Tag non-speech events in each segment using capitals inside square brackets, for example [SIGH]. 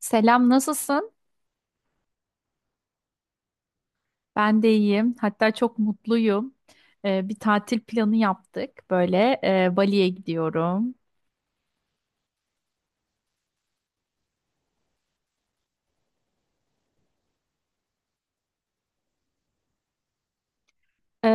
Selam, nasılsın? Ben de iyiyim. Hatta çok mutluyum. Bir tatil planı yaptık. Böyle Bali'ye gidiyorum. Ee,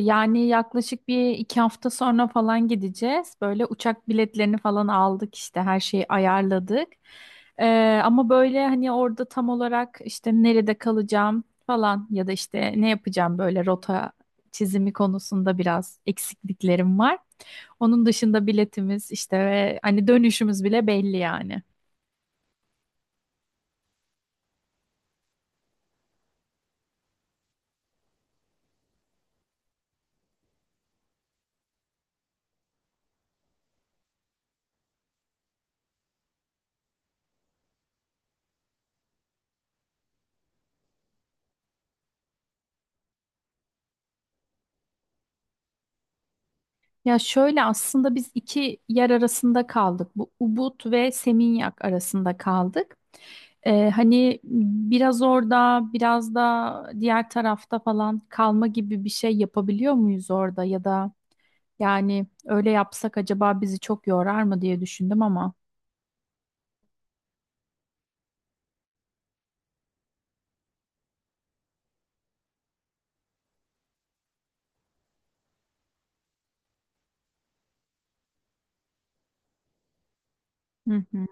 Yani yaklaşık bir iki hafta sonra falan gideceğiz. Böyle uçak biletlerini falan aldık, işte her şeyi ayarladık. Ama böyle hani orada tam olarak işte nerede kalacağım falan ya da işte ne yapacağım, böyle rota çizimi konusunda biraz eksikliklerim var. Onun dışında biletimiz işte ve hani dönüşümüz bile belli yani. Ya şöyle, aslında biz iki yer arasında kaldık. Bu Ubud ve Seminyak arasında kaldık. Hani biraz orada biraz da diğer tarafta falan kalma gibi bir şey yapabiliyor muyuz orada, ya da yani öyle yapsak acaba bizi çok yorar mı diye düşündüm ama. Hı hı.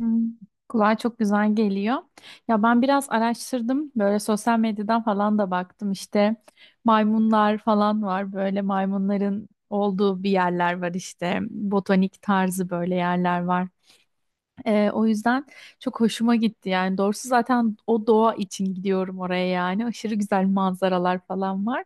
Hmm, kulağa çok güzel geliyor. Ya ben biraz araştırdım. Böyle sosyal medyadan falan da baktım. İşte maymunlar falan var. Böyle maymunların olduğu bir yerler var işte. Botanik tarzı böyle yerler var. O yüzden çok hoşuma gitti yani. Doğrusu zaten o doğa için gidiyorum oraya yani. Aşırı güzel manzaralar falan var.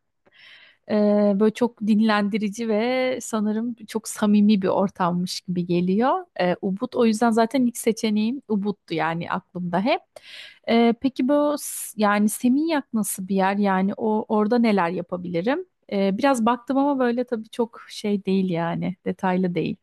Böyle çok dinlendirici ve sanırım çok samimi bir ortammış gibi geliyor. Ubud o yüzden zaten ilk seçeneğim Ubud'du yani, aklımda hep. Peki bu yani Seminyak nasıl bir yer? Yani o orada neler yapabilirim? Biraz baktım ama böyle tabii çok şey değil yani, detaylı değil.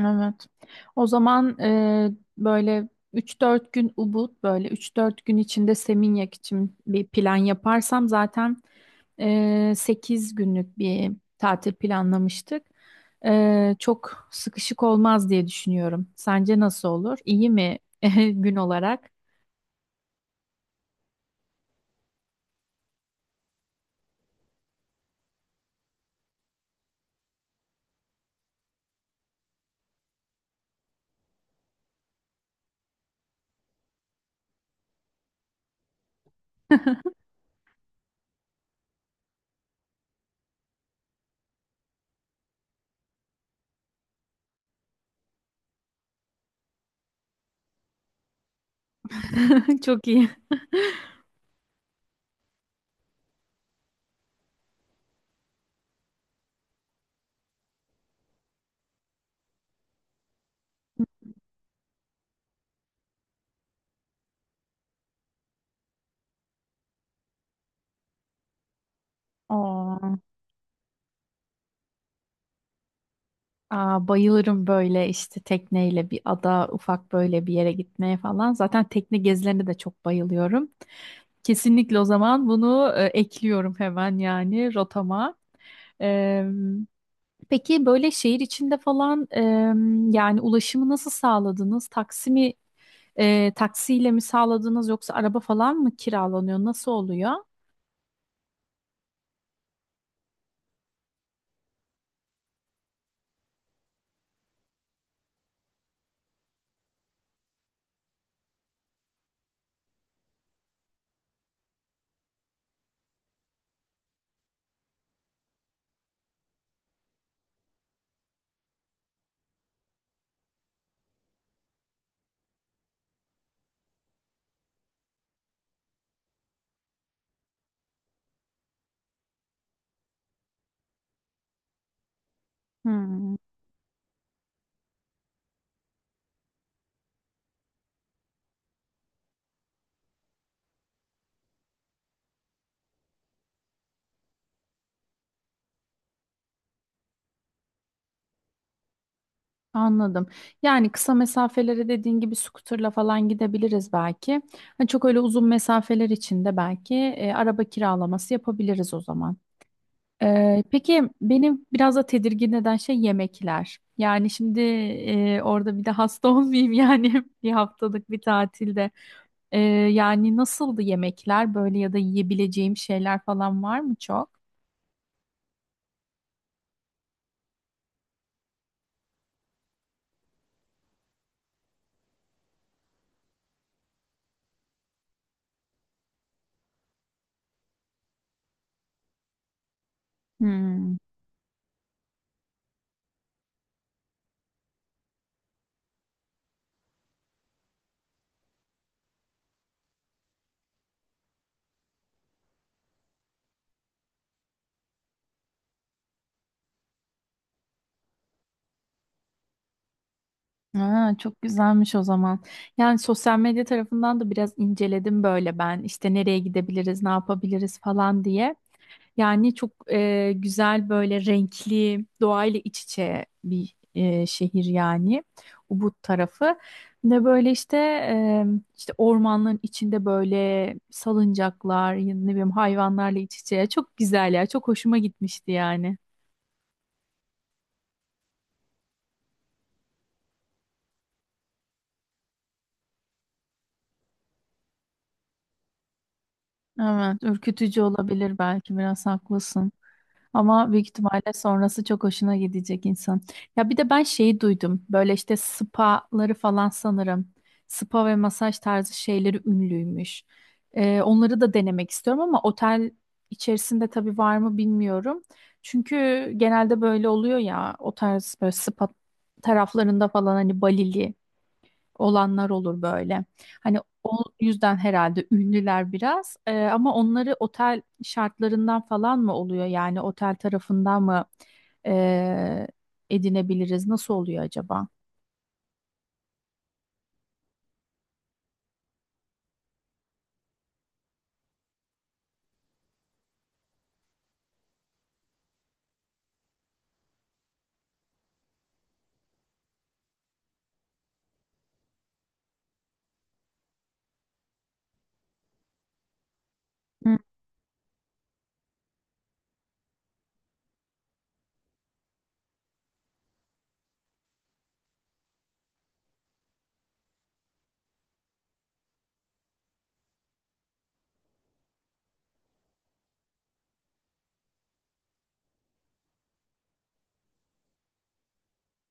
Evet. O zaman böyle üç dört gün Ubud, böyle üç dört gün içinde Seminyak için bir plan yaparsam zaten 8 günlük bir tatil planlamıştık. E, çok sıkışık olmaz diye düşünüyorum. Sence nasıl olur? İyi mi [LAUGHS] gün olarak? [LAUGHS] Çok iyi. Oo, aa, bayılırım böyle işte tekneyle bir ada, ufak böyle bir yere gitmeye falan. Zaten tekne gezilerine de çok bayılıyorum. Kesinlikle o zaman bunu ekliyorum hemen yani rotama. Eee, peki böyle şehir içinde falan yani ulaşımı nasıl sağladınız? Taksi mi taksiyle mi sağladınız, yoksa araba falan mı kiralanıyor? Nasıl oluyor? Hmm. Anladım. Yani kısa mesafelere dediğin gibi scooter'la falan gidebiliriz belki. Hani çok öyle uzun mesafeler için de belki araba kiralaması yapabiliriz o zaman. Peki benim biraz da tedirgin eden şey yemekler. Yani şimdi orada bir de hasta [LAUGHS] olmayayım yani [LAUGHS] bir haftalık bir tatilde. Yani nasıldı yemekler böyle, ya da yiyebileceğim şeyler falan var mı çok? Hmm. Ha, çok güzelmiş o zaman. Yani sosyal medya tarafından da biraz inceledim böyle ben. İşte nereye gidebiliriz, ne yapabiliriz falan diye. Yani çok güzel, böyle renkli, doğayla iç içe bir şehir yani. Ubud tarafı. Ne böyle işte işte ormanların içinde böyle salıncaklar, ya ne bileyim hayvanlarla iç içe. Çok güzel ya. Çok hoşuma gitmişti yani. Evet, ürkütücü olabilir belki, biraz haklısın. Ama büyük ihtimalle sonrası çok hoşuna gidecek insan. Ya bir de ben şeyi duydum. Böyle işte spaları falan sanırım. Spa ve masaj tarzı şeyleri ünlüymüş. Onları da denemek istiyorum ama otel içerisinde tabii var mı bilmiyorum. Çünkü genelde böyle oluyor ya, o tarz böyle spa taraflarında falan hani Balili olanlar olur böyle. Hani o yüzden herhalde ünlüler biraz. Ama onları otel şartlarından falan mı oluyor, yani otel tarafından mı ee, edinebiliriz? Nasıl oluyor acaba? Hı,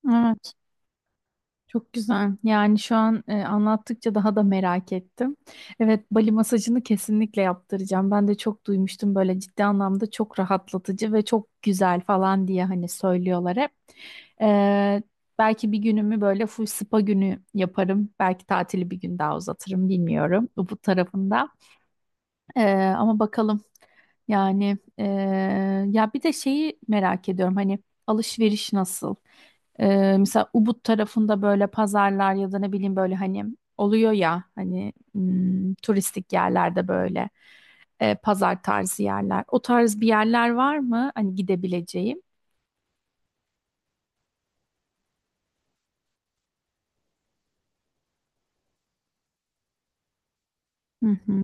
evet. Çok güzel. Yani şu an anlattıkça daha da merak ettim. Evet, Bali masajını kesinlikle yaptıracağım. Ben de çok duymuştum, böyle ciddi anlamda çok rahatlatıcı ve çok güzel falan diye hani söylüyorlar hep. Ee, Belki bir günümü böyle full spa günü yaparım. Belki tatili bir gün daha uzatırım, bilmiyorum bu tarafında. Ama bakalım. Yani ya bir de şeyi merak ediyorum, hani alışveriş nasıl? Mesela Ubud tarafında böyle pazarlar ya da ne bileyim böyle hani oluyor ya hani, hmm, turistik yerlerde böyle pazar tarzı yerler. O tarz bir yerler var mı hani gidebileceğim? Hı hı.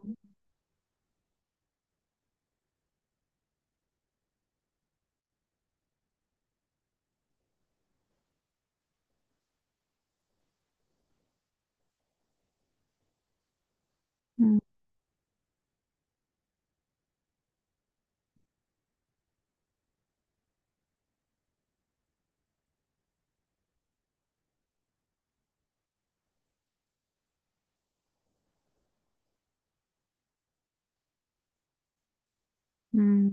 Hı hı.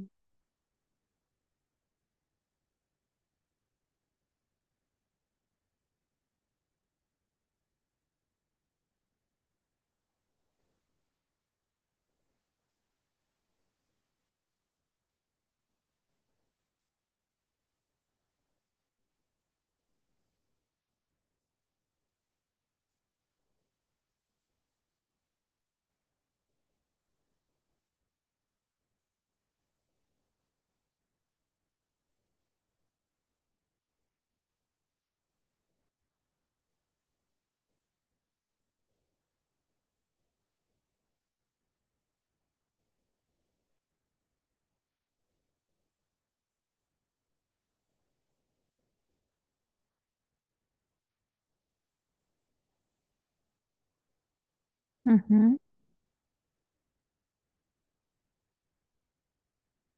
Hı hı.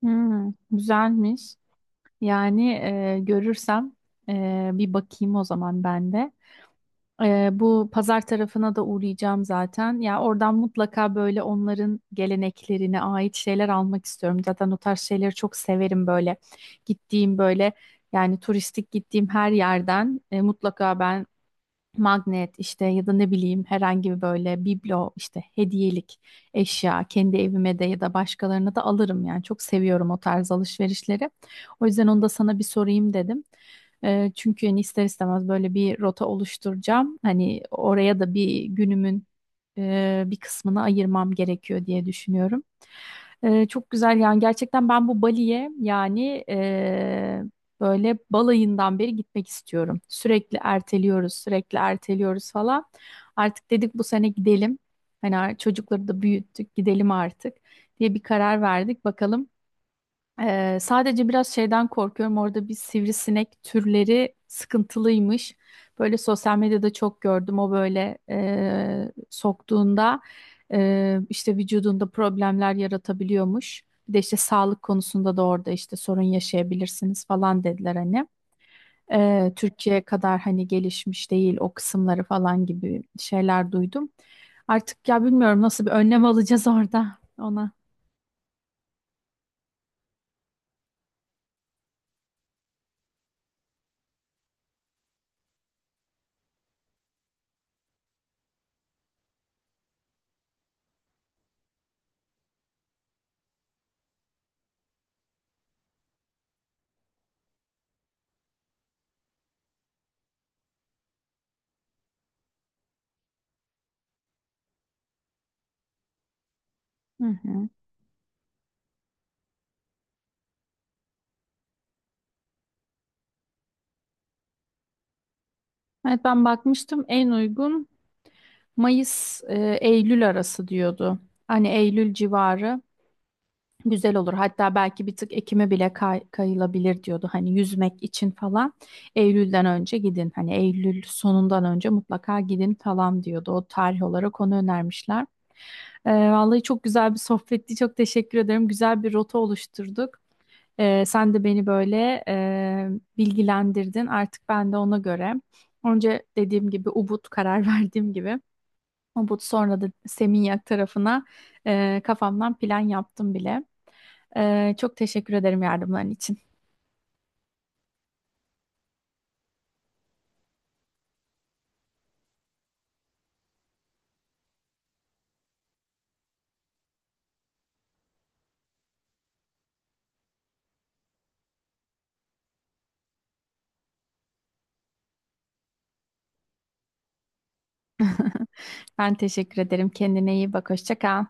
Hı. Güzelmiş. Yani görürsem bir bakayım o zaman ben de. Bu pazar tarafına da uğrayacağım zaten. Ya oradan mutlaka böyle onların geleneklerine ait şeyler almak istiyorum. Zaten o tarz şeyleri çok severim böyle. Gittiğim böyle, yani turistik gittiğim her yerden mutlaka ben magnet işte ya da ne bileyim herhangi bir böyle biblo işte hediyelik eşya, kendi evime de ya da başkalarına da alırım, yani çok seviyorum o tarz alışverişleri. O yüzden onu da sana bir sorayım dedim. Çünkü hani ister istemez böyle bir rota oluşturacağım. Hani oraya da bir günümün bir kısmını ayırmam gerekiyor diye düşünüyorum. Çok güzel yani, gerçekten ben bu Bali'ye yani böyle balayından beri gitmek istiyorum. Sürekli erteliyoruz, sürekli erteliyoruz falan. Artık dedik bu sene gidelim. Hani çocukları da büyüttük, gidelim artık diye bir karar verdik. Bakalım. Sadece biraz şeyden korkuyorum. Orada bir sivrisinek türleri sıkıntılıymış. Böyle sosyal medyada çok gördüm. O böyle soktuğunda işte vücudunda problemler yaratabiliyormuş. Bir de işte sağlık konusunda da orada işte sorun yaşayabilirsiniz falan dediler hani. Türkiye kadar hani gelişmiş değil o kısımları falan gibi şeyler duydum. Artık ya bilmiyorum nasıl bir önlem [LAUGHS] alacağız orada ona. Hı hı. Evet, ben bakmıştım, en uygun Mayıs Eylül arası diyordu. Hani Eylül civarı güzel olur. Hatta belki bir tık Ekim'e bile kayılabilir diyordu. Hani yüzmek için falan Eylül'den önce gidin. Hani Eylül sonundan önce mutlaka gidin falan diyordu. O tarih olarak onu önermişler. Vallahi çok güzel bir sohbetti. Çok teşekkür ederim. Güzel bir rota oluşturduk. Sen de beni böyle bilgilendirdin. Artık ben de ona göre. Önce dediğim gibi Ubud, karar [LAUGHS] verdiğim gibi. Ubud, sonra da Seminyak tarafına kafamdan plan yaptım bile. Çok teşekkür ederim yardımların için. Ben teşekkür ederim. Kendine iyi bak. Hoşça kal.